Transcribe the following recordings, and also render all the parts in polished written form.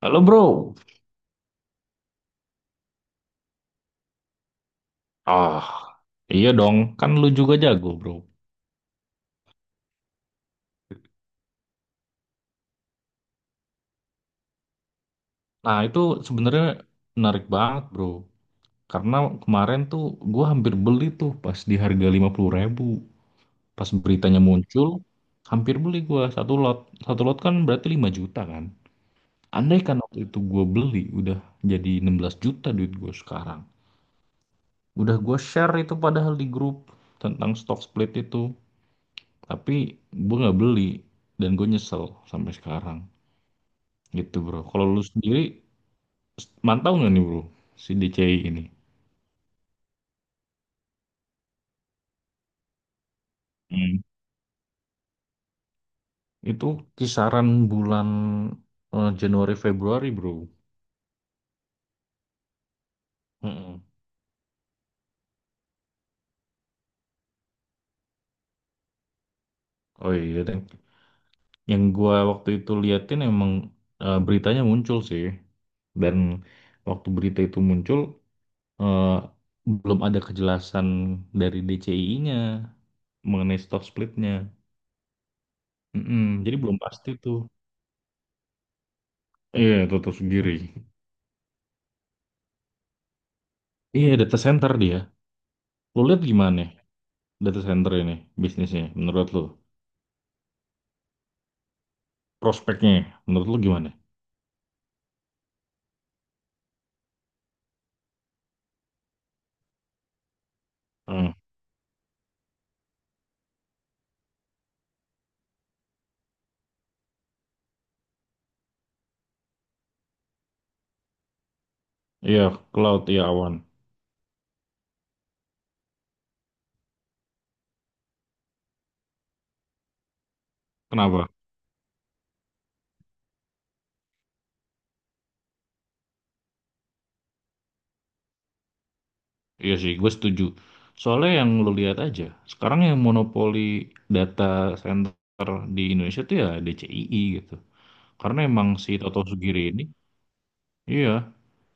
Halo bro. Ah, iya dong, kan lu juga jago bro. Nah itu sebenarnya menarik banget bro. Karena kemarin tuh gue hampir beli tuh pas di harga 50 ribu. Pas beritanya muncul, hampir beli gue satu lot. Satu lot kan berarti 5 juta kan. Andai kan waktu itu gue beli, udah jadi 16 juta duit gue sekarang. Udah gue share itu padahal di grup tentang stock split itu. Tapi gue nggak beli dan gue nyesel sampai sekarang. Gitu bro. Kalau lu sendiri mantau nggak nih bro si DCI ini? Hmm. Itu kisaran bulan Januari Februari bro. Mm-mm. Oh iya, dan yang gua waktu itu liatin emang beritanya muncul sih. Dan waktu berita itu muncul eh, belum ada kejelasan dari DCI-nya mengenai stock splitnya. Mm-mm. Jadi belum pasti tuh. Iya, tutup sendiri. Iya, data center dia. Lu lihat gimana? Data center ini bisnisnya menurut lu prospeknya menurut lu gimana? Hmm. Iya cloud iya awan kenapa? Iya sih gue setuju, soalnya yang lu lihat aja sekarang yang monopoli data center di Indonesia tuh ya DCII gitu. Karena emang si Toto Sugiri ini, iya,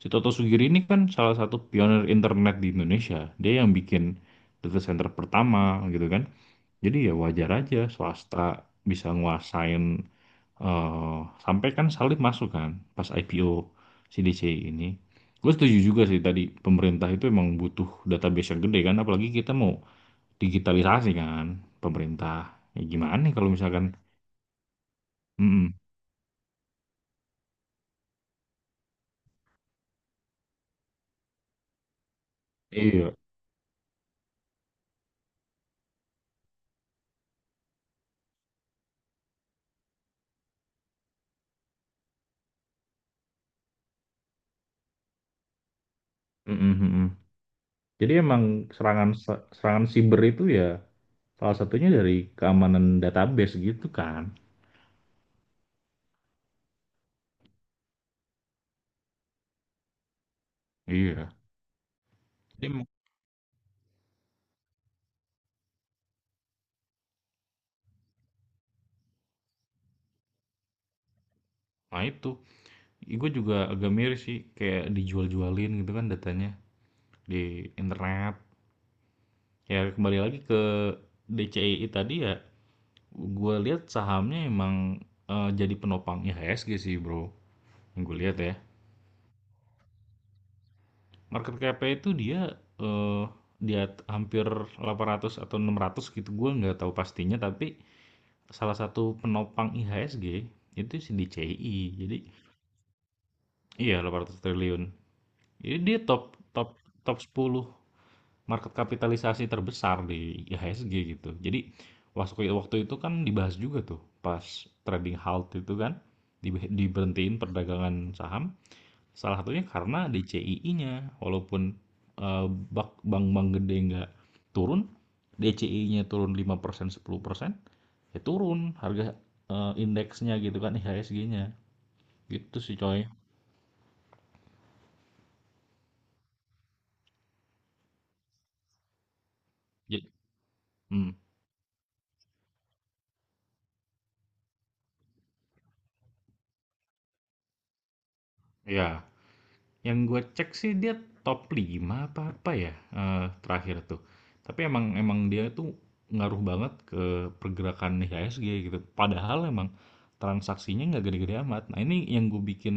si Toto Sugiri ini kan salah satu pionir internet di Indonesia. Dia yang bikin data center pertama gitu kan. Jadi ya wajar aja swasta bisa nguasain eh sampai kan Salim masuk kan pas IPO CDC ini. Gue setuju juga sih tadi pemerintah itu emang butuh database yang gede kan, apalagi kita mau digitalisasi kan pemerintah. Ya gimana nih kalau misalkan, mm-mm. Iya, mm-mm, mm-mm. Jadi emang serangan serangan siber itu ya salah satunya dari keamanan database gitu kan. Iya. Jadi emang- Nah itu, gue juga agak miris sih kayak dijual-jualin gitu kan datanya di internet. Ya kembali lagi ke DCI tadi ya, gue lihat sahamnya emang, jadi penopang IHSG sih bro, yang gue lihat ya. Market cap-nya itu dia eh, di hampir 800 atau 600 gitu, gue nggak tahu pastinya, tapi salah satu penopang IHSG itu si DCI, jadi iya 800 triliun. Jadi dia top top top 10 market kapitalisasi terbesar di IHSG gitu. Jadi waktu waktu itu kan dibahas juga tuh pas trading halt itu kan diberhentiin perdagangan saham. Salah satunya karena DCII-nya, walaupun eh, bank-bank gede nggak turun, DCI-nya turun lima persen sepuluh persen, ya turun harga, indeksnya gitu kan IHSG-nya. Gitu sih coy. Jadi, hmm, ya yang gue cek sih dia top 5 apa apa ya, terakhir tuh. Tapi emang emang dia tuh ngaruh banget ke pergerakan IHSG gitu. Padahal emang transaksinya nggak gede-gede amat. Nah ini yang gue bikin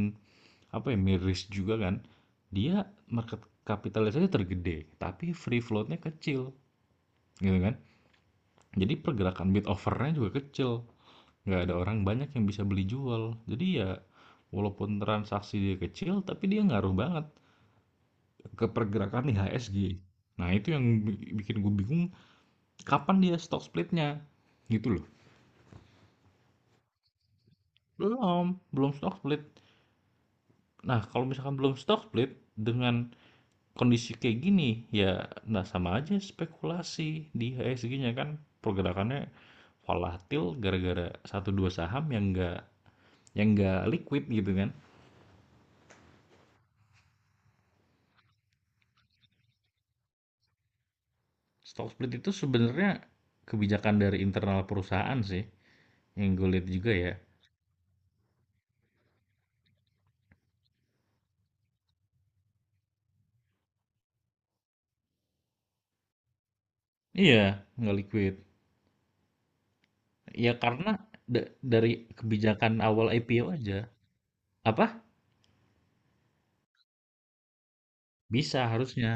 apa ya, miris juga kan. Dia market capitalisasi tergede, tapi free floatnya kecil gitu kan. Jadi pergerakan bid overnya juga kecil, nggak ada orang banyak yang bisa beli jual. Jadi ya walaupun transaksi dia kecil, tapi dia ngaruh banget ke pergerakan IHSG. Nah, itu yang bikin gue bingung kapan dia stock splitnya gitu loh. Belum, belum stock split. Nah, kalau misalkan belum stock split dengan kondisi kayak gini ya nah sama aja spekulasi di IHSG-nya kan pergerakannya volatil gara-gara satu dua saham yang enggak liquid gitu kan. Stock split itu sebenarnya kebijakan dari internal perusahaan sih yang gue lihat juga ya. Iya, nggak liquid. Ya karena dari kebijakan awal IPO aja. Apa? Bisa harusnya.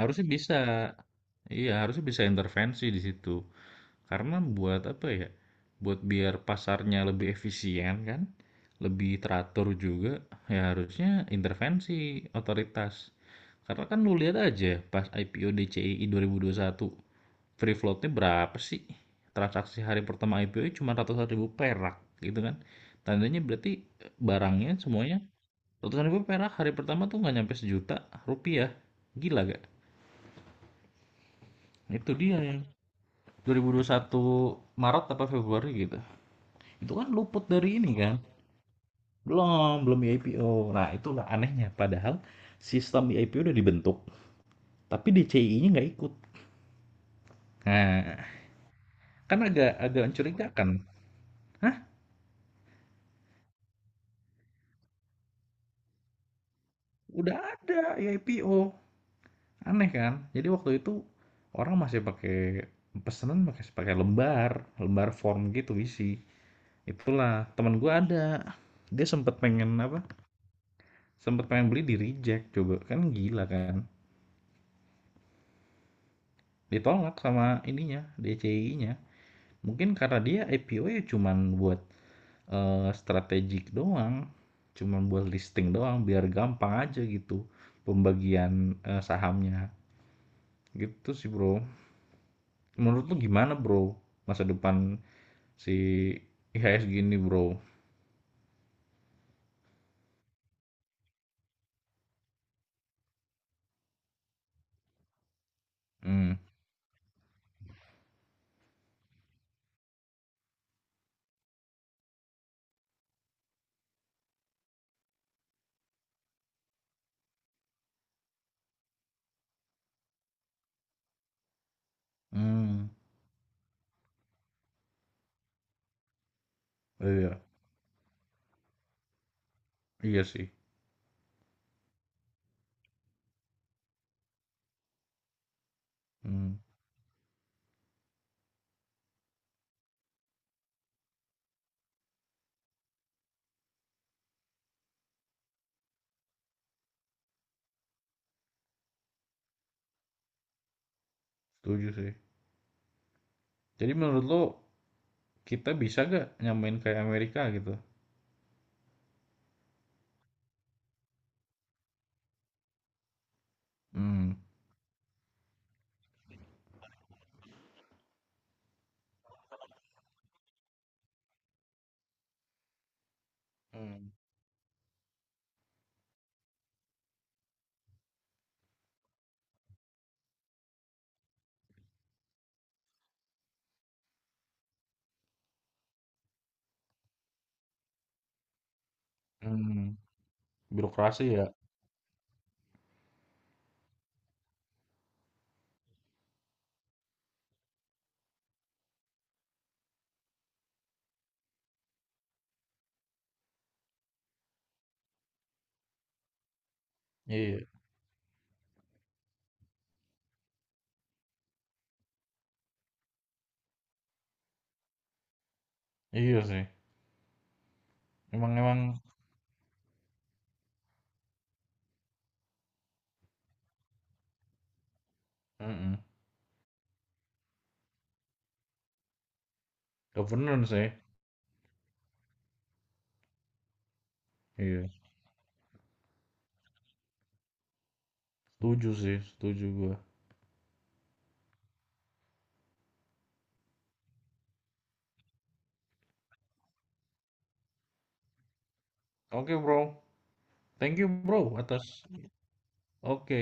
Harusnya bisa. Iya, harusnya bisa intervensi di situ. Karena buat apa ya? Buat biar pasarnya lebih efisien kan? Lebih teratur juga, ya harusnya intervensi otoritas. Karena kan lu lihat aja pas IPO DCI 2021, free floatnya berapa sih? Transaksi hari pertama IPO cuma ratusan ribu perak gitu kan. Tandanya berarti barangnya semuanya total gue perak hari pertama tuh nggak nyampe sejuta rupiah. Gila gak? Itu dia yang 2021 Maret apa Februari gitu. Itu kan luput dari ini kan. Belum, belum IPO. Nah, itulah anehnya. Padahal sistem IPO udah dibentuk, tapi DCI-nya nggak ikut. Nah, kan agak agak mencurigakan. Hah? Udah ada IPO. Aneh kan? Jadi waktu itu orang masih pakai pesanan pakai pakai lembar, lembar form gitu isi. Itulah, teman gue ada. Dia sempet pengen apa? Sempet pengen beli di reject coba. Kan gila kan. Ditolak sama ininya, DCI-nya. Mungkin karena dia IPO ya cuman buat, strategik doang. Cuman buat listing doang biar gampang aja gitu pembagian, sahamnya. Gitu sih, Bro. Menurut lu gimana, Bro? Masa depan si IHSG ini, Bro? Hmm. Hmm. Iya, iya sih. Hmm. Setuju sih. Jadi menurut lo kita bisa gak nyamain kayak Amerika gitu? Hmm. Hmm. Hmm. Birokrasi ya? Iya. Iya sih. Emang emang mm Governance sih. Iya. Setuju sih, setuju gua. Oke, bro. Thank you, bro, atas Oke.